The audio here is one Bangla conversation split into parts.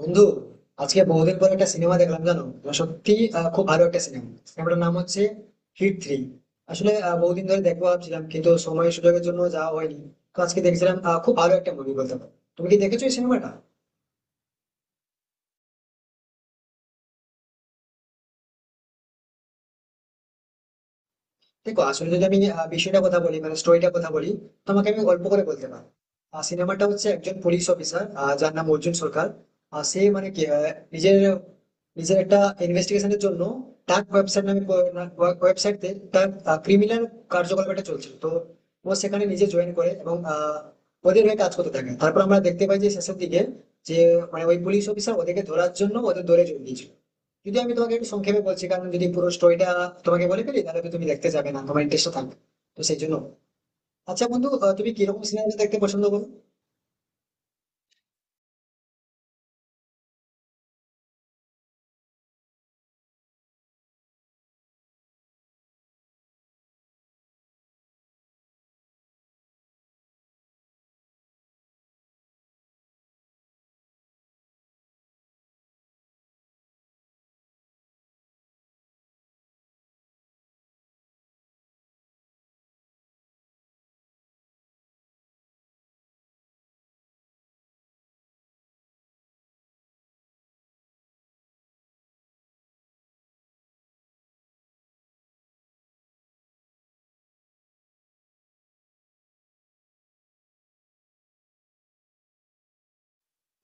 বন্ধু, আজকে বহুদিন পর একটা সিনেমা দেখলাম জানো তো। সত্যি খুব ভালো একটা সিনেমা। সিনেমাটার নাম হচ্ছে হিট থ্রি। আসলে বহুদিন ধরে দেখবো ভাবছিলাম, কিন্তু সময় সুযোগের জন্য যাওয়া হয়নি। তো আজকে দেখছিলাম, খুব ভালো একটা মুভি বলতে পারো। তুমি কি দেখেছো এই সিনেমাটা? দেখো, আসলে যদি আমি বিষয়টা কথা বলি, মানে স্টোরিটা কথা বলি, তোমাকে আমি গল্প করে বলতে পারি। আর সিনেমাটা হচ্ছে একজন পুলিশ অফিসার, যার নাম অর্জুন সরকার। সে মানে কি নিজের নিজের একটা ইনভেস্টিগেশনের জন্য ডার্ক ওয়েবসাইট নামে ওয়েবসাইট, তার ক্রিমিনাল কার্যকলাপ একটা চলছিল তো, ও সেখানে নিজে জয়েন করে এবং ওদের হয়ে কাজ করতে থাকে। তারপর আমরা দেখতে পাই যে শেষের দিকে যে মানে ওই পুলিশ অফিসার ওদেরকে ধরার জন্য ওদের দৌড়ে জড়িয়ে দিয়েছিল। যদি আমি তোমাকে একটু সংক্ষেপে বলছি, কারণ যদি পুরো স্টোরিটা তোমাকে বলে ফেলি, তাহলে তো তুমি দেখতে যাবে না, তোমার ইন্টারেস্ট থাকবে, তো সেই জন্য। আচ্ছা বন্ধু, তুমি কিরকম সিনেমা দেখতে পছন্দ করো?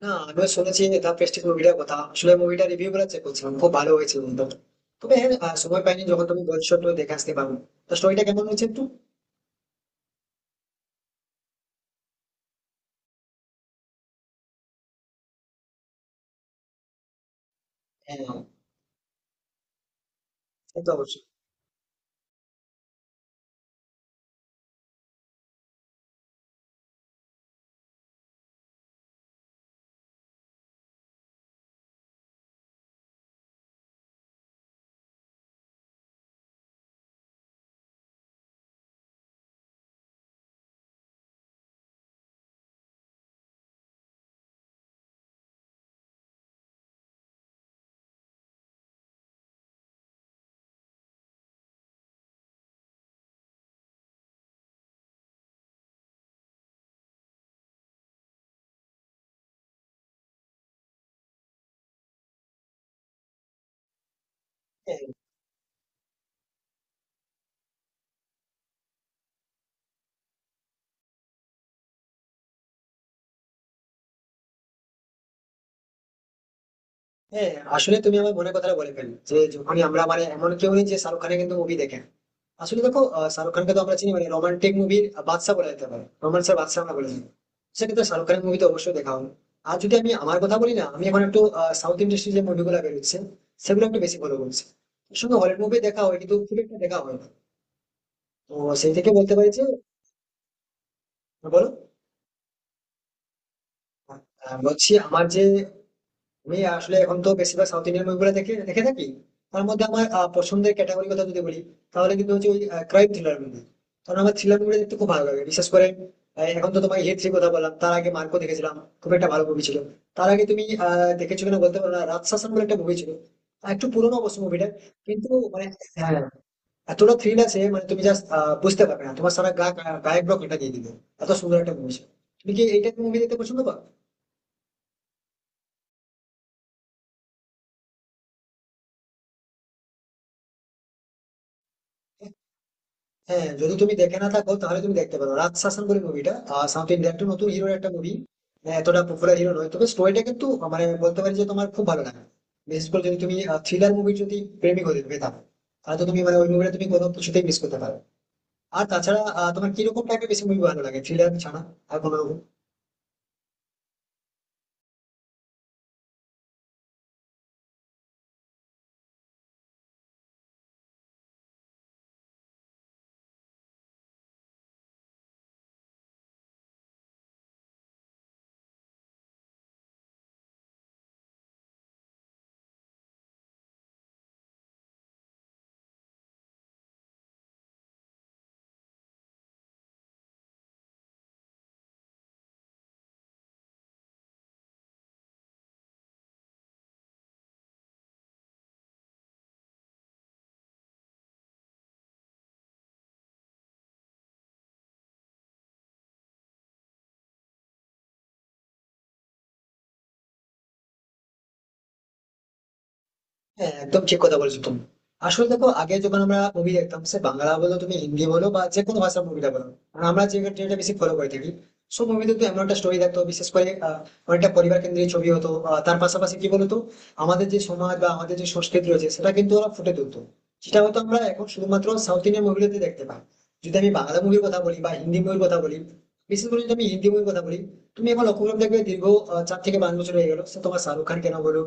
না, আমিও শুনেছি দ্য প্রেস্টিজ মুভিটার কথা। আসলে মুভিটা রিভিউ গুলো চেক করছিলাম, খুব ভালো হয়েছে বন্ধু। তবে হ্যাঁ, সময় পাইনি। যখন তুমি বলছো, তো দেখে আসতে পারো। তো স্টোরিটা কেমন হয়েছে একটু? হ্যাঁ, সে তো অবশ্যই। হ্যাঁ, হ্যাঁ। আসলে তুমি আমার মনের কথাটা বলে ফেললে, যে যখনই আমরা, মানে এমন কেউ নেই যে শাহরুখ খানের কিন্তু মুভি দেখেন। আসলে দেখো, শাহরুখ খানকে তো আমরা চিনি মানে রোমান্টিক মুভির বাদশা বলা যেতে পারে, রোমান্সের বাদশা আমরা বলে থাকি। সেক্ষেত্রে শাহরুখ খানের মুভি তো অবশ্যই দেখা হবে। আর যদি আমি আমার কথা বলি না, আমি এখন একটু সাউথ ইন্ডাস্ট্রির যে মুভিগুলো বেরোচ্ছে সেগুলো একটু বেশি ফলো করছি। শুধু হলিউড মুভি দেখা হয় কিন্তু খুব একটা দেখা হয় না। তো সেই থেকে বলতে পারি যে বলো। বলছি আমার যে আমি আসলে এখন তো বেশিরভাগ সাউথ ইন্ডিয়ান মুভিগুলো দেখে দেখে থাকি। তার মধ্যে আমার পছন্দের ক্যাটাগরি কথা যদি বলি, তাহলে কিন্তু হচ্ছে ওই ক্রাইম থ্রিলার মুভি। কারণ আমার থ্রিলার মুভি দেখতে খুব ভালো লাগে। বিশেষ করে এখন তো তোমাকে হিট থ্রি কথা বললাম, তার আগে মার্কো দেখেছিলাম, খুব একটা ভালো মুভি ছিল। তার আগে তুমি আহ দেখেছো কিনা বলতে পারো না, রাজশাসন বলে একটা মুভি ছিল, একটু পুরোনো অবশ্য মুভিটা, কিন্তু মানে হ্যাঁ এতটা থ্রিল আছে মানে তুমি জাস্ট বুঝতে পারবে না, তোমার সারা গা গায়ে ব্লক এটা দিয়ে দিবে। এত সুন্দর একটা মুভি ছিল। তুমি কি এই টাইপের মুভি দেখতে পছন্দ পাও? হ্যাঁ, যদি তুমি দেখে না থাকো তাহলে তুমি দেখতে পারো রাজ শাসন বলে মুভিটা। সাউথ ইন্ডিয়ান একটু নতুন হিরোর একটা মুভি, এতটা পপুলার হিরো নয়, তবে স্টোরিটা কিন্তু মানে বলতে পারি যে তোমার খুব ভালো লাগে। বিশেষ করে যদি তুমি থ্রিলার মুভি যদি প্রেমিক হয়ে যেতে থাকো, তাহলে তো তুমি মানে ওই মুভিটা তুমি কোনো কিছুতেই মিস করতে পারো। আর তাছাড়া তোমার কিরকম টাইপের বেশি মুভি ভালো লাগে, থ্রিলার ছাড়া আর কোনো রকম? হ্যাঁ একদম ঠিক কথা বলেছো তুমি। আসলে দেখো, আগে যখন আমরা মুভি দেখতাম, সে বাংলা বলো তুমি, হিন্দি বলো, বা যে কোনো ভাষার মুভিটা বলো, কারণ আমরা যে ট্রেন্ডটা বেশি ফলো করে থাকি, সব মুভিতে তো এমন একটা স্টোরি থাকতো। বিশেষ করে অনেকটা পরিবার কেন্দ্রিক ছবি হতো। তার পাশাপাশি কি বলতো, আমাদের যে সমাজ বা আমাদের যে সংস্কৃতি রয়েছে সেটা কিন্তু ওরা ফুটে তুলতো। সেটা হয়তো আমরা এখন শুধুমাত্র সাউথ ইন্ডিয়ান মুভিগুলোতে দেখতে পাই। যদি আমি বাংলা মুভির কথা বলি বা হিন্দি মুভির কথা বলি, বিশেষ করে যদি আমি হিন্দি মুভির কথা বলি, তুমি এখন লক্ষ্য করে দেখবে দীর্ঘ চার থেকে পাঁচ বছর হয়ে গেল, সে তোমার শাহরুখ খান কেন বলো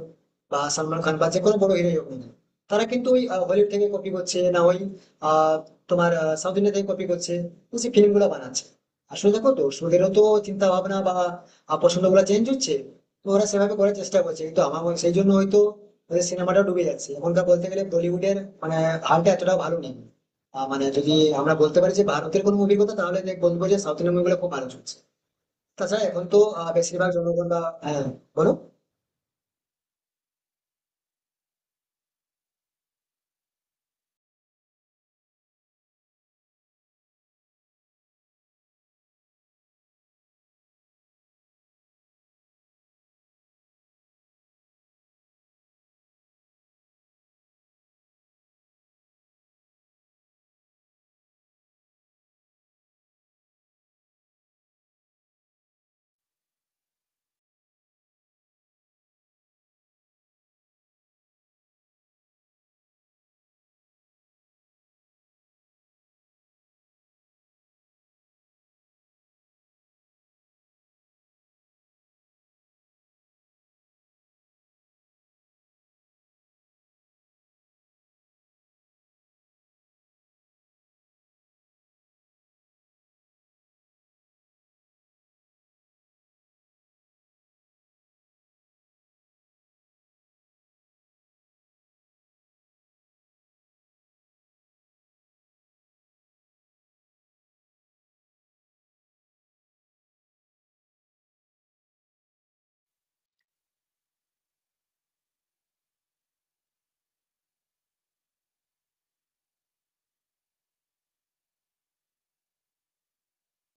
বা সালমান খান বা যে কোনো বড় হিরোই হোক না কেন, তারা কিন্তু ওই হলিউড থেকে কপি করছে না, ওই আহ, তোমার সাউথ ইন্ডিয়া থেকে কপি করছে, তো সেই ফিল্ম গুলো বানাচ্ছে। আসলে দেখো, দর্শকেরও তো চিন্তা ভাবনা বা পছন্দ গুলো চেঞ্জ হচ্ছে, তো ওরা সেভাবে করার চেষ্টা করছে, কিন্তু সেই জন্য হয়তো ওদের সিনেমাটা ডুবে যাচ্ছে। এখনকার বলতে গেলে বলিউডের মানে হালটা এতটাও ভালো নেই। মানে যদি আমরা বলতে পারি যে ভারতের কোনো মুভির কথা, তাহলে বলবো যে সাউথ ইন্ডিয়ান মুভিগুলো খুব ভালো চলছে। তাছাড়া এখন তো বেশিরভাগ জনগণ বা হ্যাঁ বলো।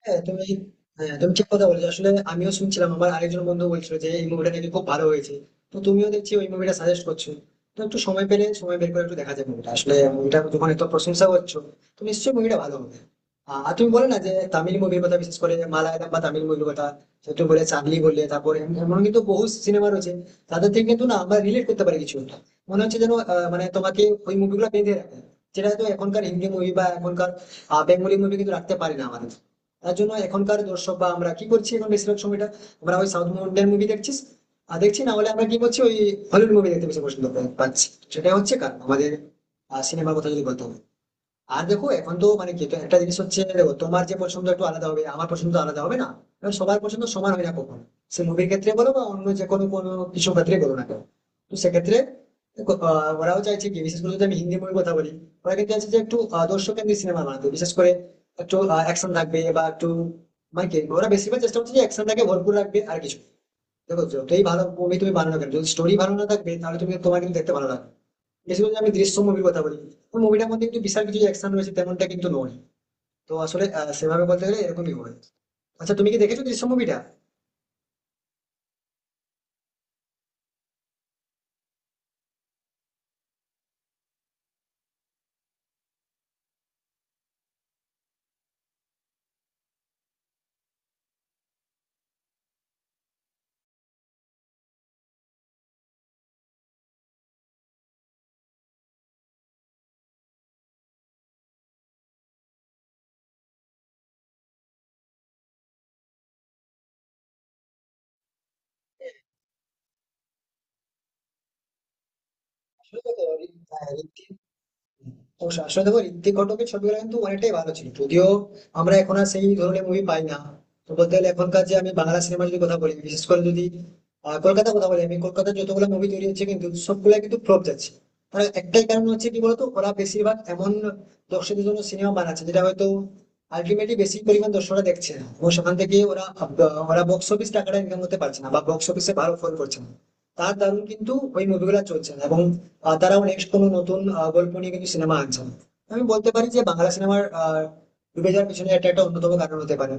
হ্যাঁ তুমি, হ্যাঁ তুমি ঠিক কথা বলেছো আসলে। আমিও শুনছিলাম, আমার আরেকজন বন্ধু বলছিল যে এই মুভিটা নাকি খুব ভালো হয়েছে। তো তুমিও দেখছি ওই মুভিটা সাজেস্ট করছো। তো একটু সময় পেলে সময় বের করে একটু দেখা যাবে মুভিটা। আসলে মুভিটা যখন এত প্রশংসা করছো, তো নিশ্চয়ই মুভিটা ভালো হবে। আর তুমি বলে না যে তামিল মুভির কথা, বিশেষ করে মালায়ালাম বা তামিল মুভির কথা, যে তুমি বলে চার্লি বললে, তারপরে এমন কিন্তু বহু সিনেমা রয়েছে। তাদের থেকে কিন্তু না আমরা রিলেট করতে পারি কিছু একটা। মনে হচ্ছে যেন মানে তোমাকে ওই মুভিগুলো বেঁধে রাখে, যেটা হয়তো এখনকার হিন্দি মুভি বা এখনকার বেঙ্গলি মুভি কিন্তু রাখতে পারি না আমাদের। তার জন্য এখনকার দর্শক বা আমরা কি করছি, এখন বেশিরভাগ সময়টা আমরা ওই সাউথ ইন্ডিয়ান মুভি দেখছিস, আর দেখছি না হলে আমরা কি করছি, ওই হলিউড মুভি দেখতে বেশি পছন্দ পাচ্ছি। সেটা হচ্ছে কারণ আমাদের সিনেমার কথা যদি বলতে হবে। আর দেখো এখন তো মানে কি, তো একটা জিনিস হচ্ছে দেখো, তোমার যে পছন্দ একটু আলাদা হবে, আমার পছন্দ আলাদা হবে না, কারণ সবার পছন্দ সমান হয় না কখনো। সে মুভির ক্ষেত্রে বলো বা অন্য যে কোনো কোনো কিছু ক্ষেত্রে বলো না কেন, তো সেক্ষেত্রে দেখো, ওরাও চাইছে কি, বিশেষ করে যদি আমি হিন্দি মুভির কথা বলি, ওরা কিন্তু চাইছে যে একটু দর্শক কেন্দ্রিক সিনেমা বানাতে। বিশেষ করে একটু অ্যাকশন থাকবে বা একটু মানে কি, ওরা বেশিরভাগ চেষ্টা করছে যে অ্যাকশনটাকে ভরপুর রাখবে, আর কিছু না। দেখো, যতই ভালো মুভি তুমি বানানো কেন, যদি স্টোরি ভালো না থাকবে, তাহলে তুমি তোমার কিন্তু দেখতে ভালো লাগবে না। বিশেষ করে আমি দৃশ্য মুভির কথা বলি, ওই মুভিটার মধ্যে কিন্তু বিশাল কিছু অ্যাকশন রয়েছে তেমনটা কিন্তু নয়। তো আসলে সেভাবে বলতে গেলে এরকমই হয়। আচ্ছা, তুমি কি দেখেছো দৃশ্য মুভিটা? আসলে দেখো, হ্যাঁ, ঋত্বিক, অবশ্যই। আসলে দেখো, ঋত্বিক ঘটকের ছবিগুলো কিন্তু অনেকটাই ভালো ছিল, যদিও আমরা এখন আর সেই ধরনের মুভি পাই না। তো বলতে গেলে এখনকার যে আমি বাংলা সিনেমা যদি কথা বলি, বিশেষ করে যদি কলকাতার কথা বলি, আমি কলকাতার যতগুলো মুভি তৈরি হচ্ছে কিন্তু সবগুলো কিন্তু ফ্লপ যাচ্ছে। তার একটাই কারণ হচ্ছে কি বলতো, ওরা বেশিরভাগ এমন দর্শকদের জন্য সিনেমা বানাচ্ছে যেটা হয়তো আলটিমেটলি বেশি পরিমাণ দর্শকরা দেখছে না, এবং সেখান থেকে ওরা ওরা বক্স অফিস টাকাটা ইনকাম করতে পারছে না, বা বক্স অফিসে ভালো ফল করছে না। তার দারুণ কিন্তু ওই মুভিগুলো চলছে না, এবং তারাও নেক্সট কোনো নতুন গল্প নিয়ে কিন্তু সিনেমা আনছে না। আমি বলতে পারি যে বাংলা সিনেমার ডুবে যাওয়ার পিছনে এটা একটা অন্যতম কারণ হতে পারে।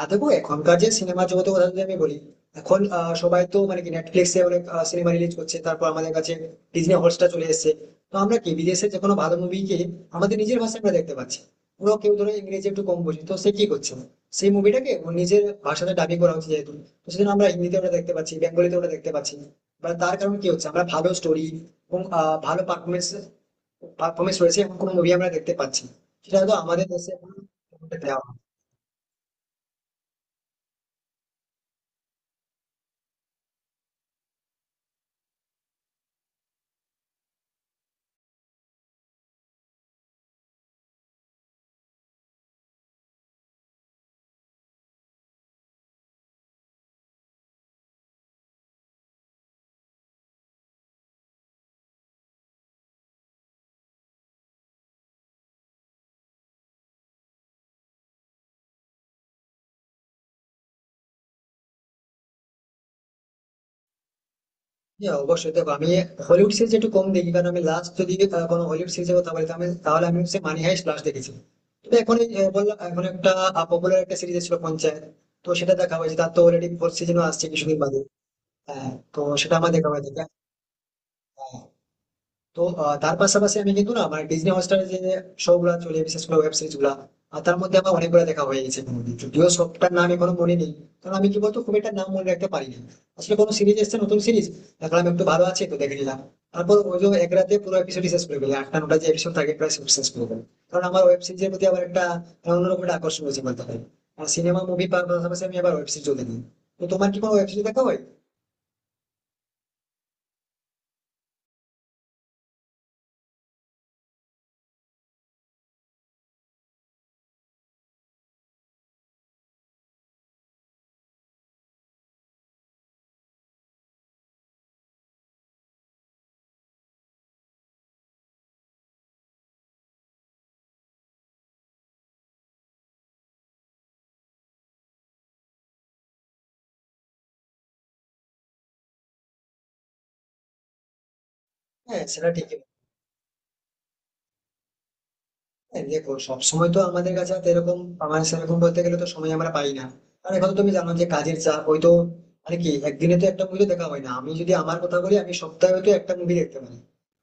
আর দেখো এখনকার যে সিনেমা জগতের কথা যদি আমি বলি, এখন সবাই তো মানে কি নেটফ্লিক্সে অনেক সিনেমা রিলিজ করছে, তারপর আমাদের কাছে ডিজনি হটস্টার চলে এসেছে। তো আমরা কি, বিদেশে যে কোনো ভালো মুভিকে আমাদের নিজের ভাষায় আমরা দেখতে পাচ্ছি। পুরো কেউ ধরো ইংরেজি একটু কম বোঝে, তো সে কি করছে, সেই মুভিটাকে ওর নিজের ভাষাতে ডাবিং করা হচ্ছে যেহেতু, তো সেজন্য আমরা হিন্দিতে ওটা দেখতে পাচ্ছি, বেঙ্গলিতে ওটা দেখতে পাচ্ছি। বা তার কারণ কি হচ্ছে, আমরা ভালো স্টোরি এবং ভালো পারফরমেন্স পারফরমেন্স রয়েছে এমন কোনো মুভি আমরা দেখতে পাচ্ছি না। সেটা হয়তো আমাদের দেশে এখনো তেমনটা দেওয়া হয় না। হ্যাঁ অবশ্যই, দেখো আমি হলিউড সিরিজ একটু কম দেখি। কারণ আমি লাস্ট যদি কোনো হলিউড সিরিজের কথা বলি, তাহলে তাহলে আমি হচ্ছে মানি হাইস্ট লাস্ট দেখেছি। তো এখন এই, বললাম, এখন একটা পপুলার একটা সিরিজ ছিল পঞ্চায়েত, তো সেটা দেখা হয়েছে। তার তো অলরেডি ফোর্থ সিজনও আসছে কিছুদিন বাদে। হ্যাঁ, তো সেটা আমার দেখা হয়ে থাকে। তো তার পাশাপাশি আমি কিন্তু না, আমার ডিজনি হটস্টারে যে শো গুলা চলে বিশেষ করে ওয়েব সিরিজ গুলা, আর তার মধ্যে আমার অনেকগুলো দেখা হয়ে গেছে কোনোদিন। যদিও সবটার নাম এখনো মনে নেই, কারণ আমি কি বলতো খুব একটা নাম মনে রাখতে পারি না। আসলে কোনো সিরিজ এসছে নতুন সিরিজ, দেখলাম একটু ভালো আছে, তো দেখে নিলাম। তারপর ওই যে এক রাতে পুরো এপিসোড শেষ করে ফেলে, আটটা নটা যে এপিসোড থাকে প্রায় সব শেষ করে ফেলে। কারণ আমার ওয়েব সিরিজের প্রতি আবার একটা অন্যরকম একটা আকর্ষণ রয়েছে বলতে পারি। আর সিনেমা মুভি পাশাপাশি আমি আবার ওয়েব সিরিজ চলতে দিই। তো তোমার কি কোনো ওয়েব সিরিজ দেখা হয়? হ্যাঁ সেটা ঠিকই। হ্যাঁ, দেখো, সবসময় তো আমাদের কাছে হাতে এরকম, আমার সেরকম বলতে গেলে তো সময় আমরা পাই না। কারণ এখন তো তুমি জানো যে কাজের চাপ ওই তো, মানে কি একদিনে তো একটা মুভি তো দেখা হয় না। আমি যদি আমার কথা বলি, আমি সপ্তাহে তো একটা মুভি দেখতে পারি।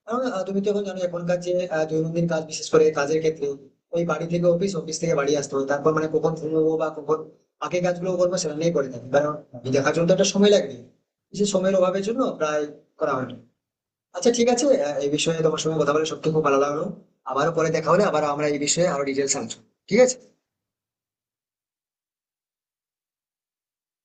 কারণ তুমি তো এখন জানো এখনকার যে দৈনন্দিন কাজ, বিশেষ করে কাজের ক্ষেত্রে ওই বাড়ি থেকে অফিস, অফিস থেকে বাড়ি আসতে হবে। তারপর মানে কখন ঘুমবো বা কখন বাকি কাজগুলো করবো সেটা নিয়ে করে থাকি, কারণ আমি দেখার জন্য তো একটা সময় লাগবে। সেই সময়ের অভাবের জন্য প্রায় করা হয় না। আচ্ছা, ঠিক আছে, এই বিষয়ে তোমার সঙ্গে কথা বলে সত্যি খুব ভালো লাগলো। আবারও পরে দেখা হলে আবার আমরা এই বিষয়ে আরো ডিটেলস আলোচনা, ঠিক আছে?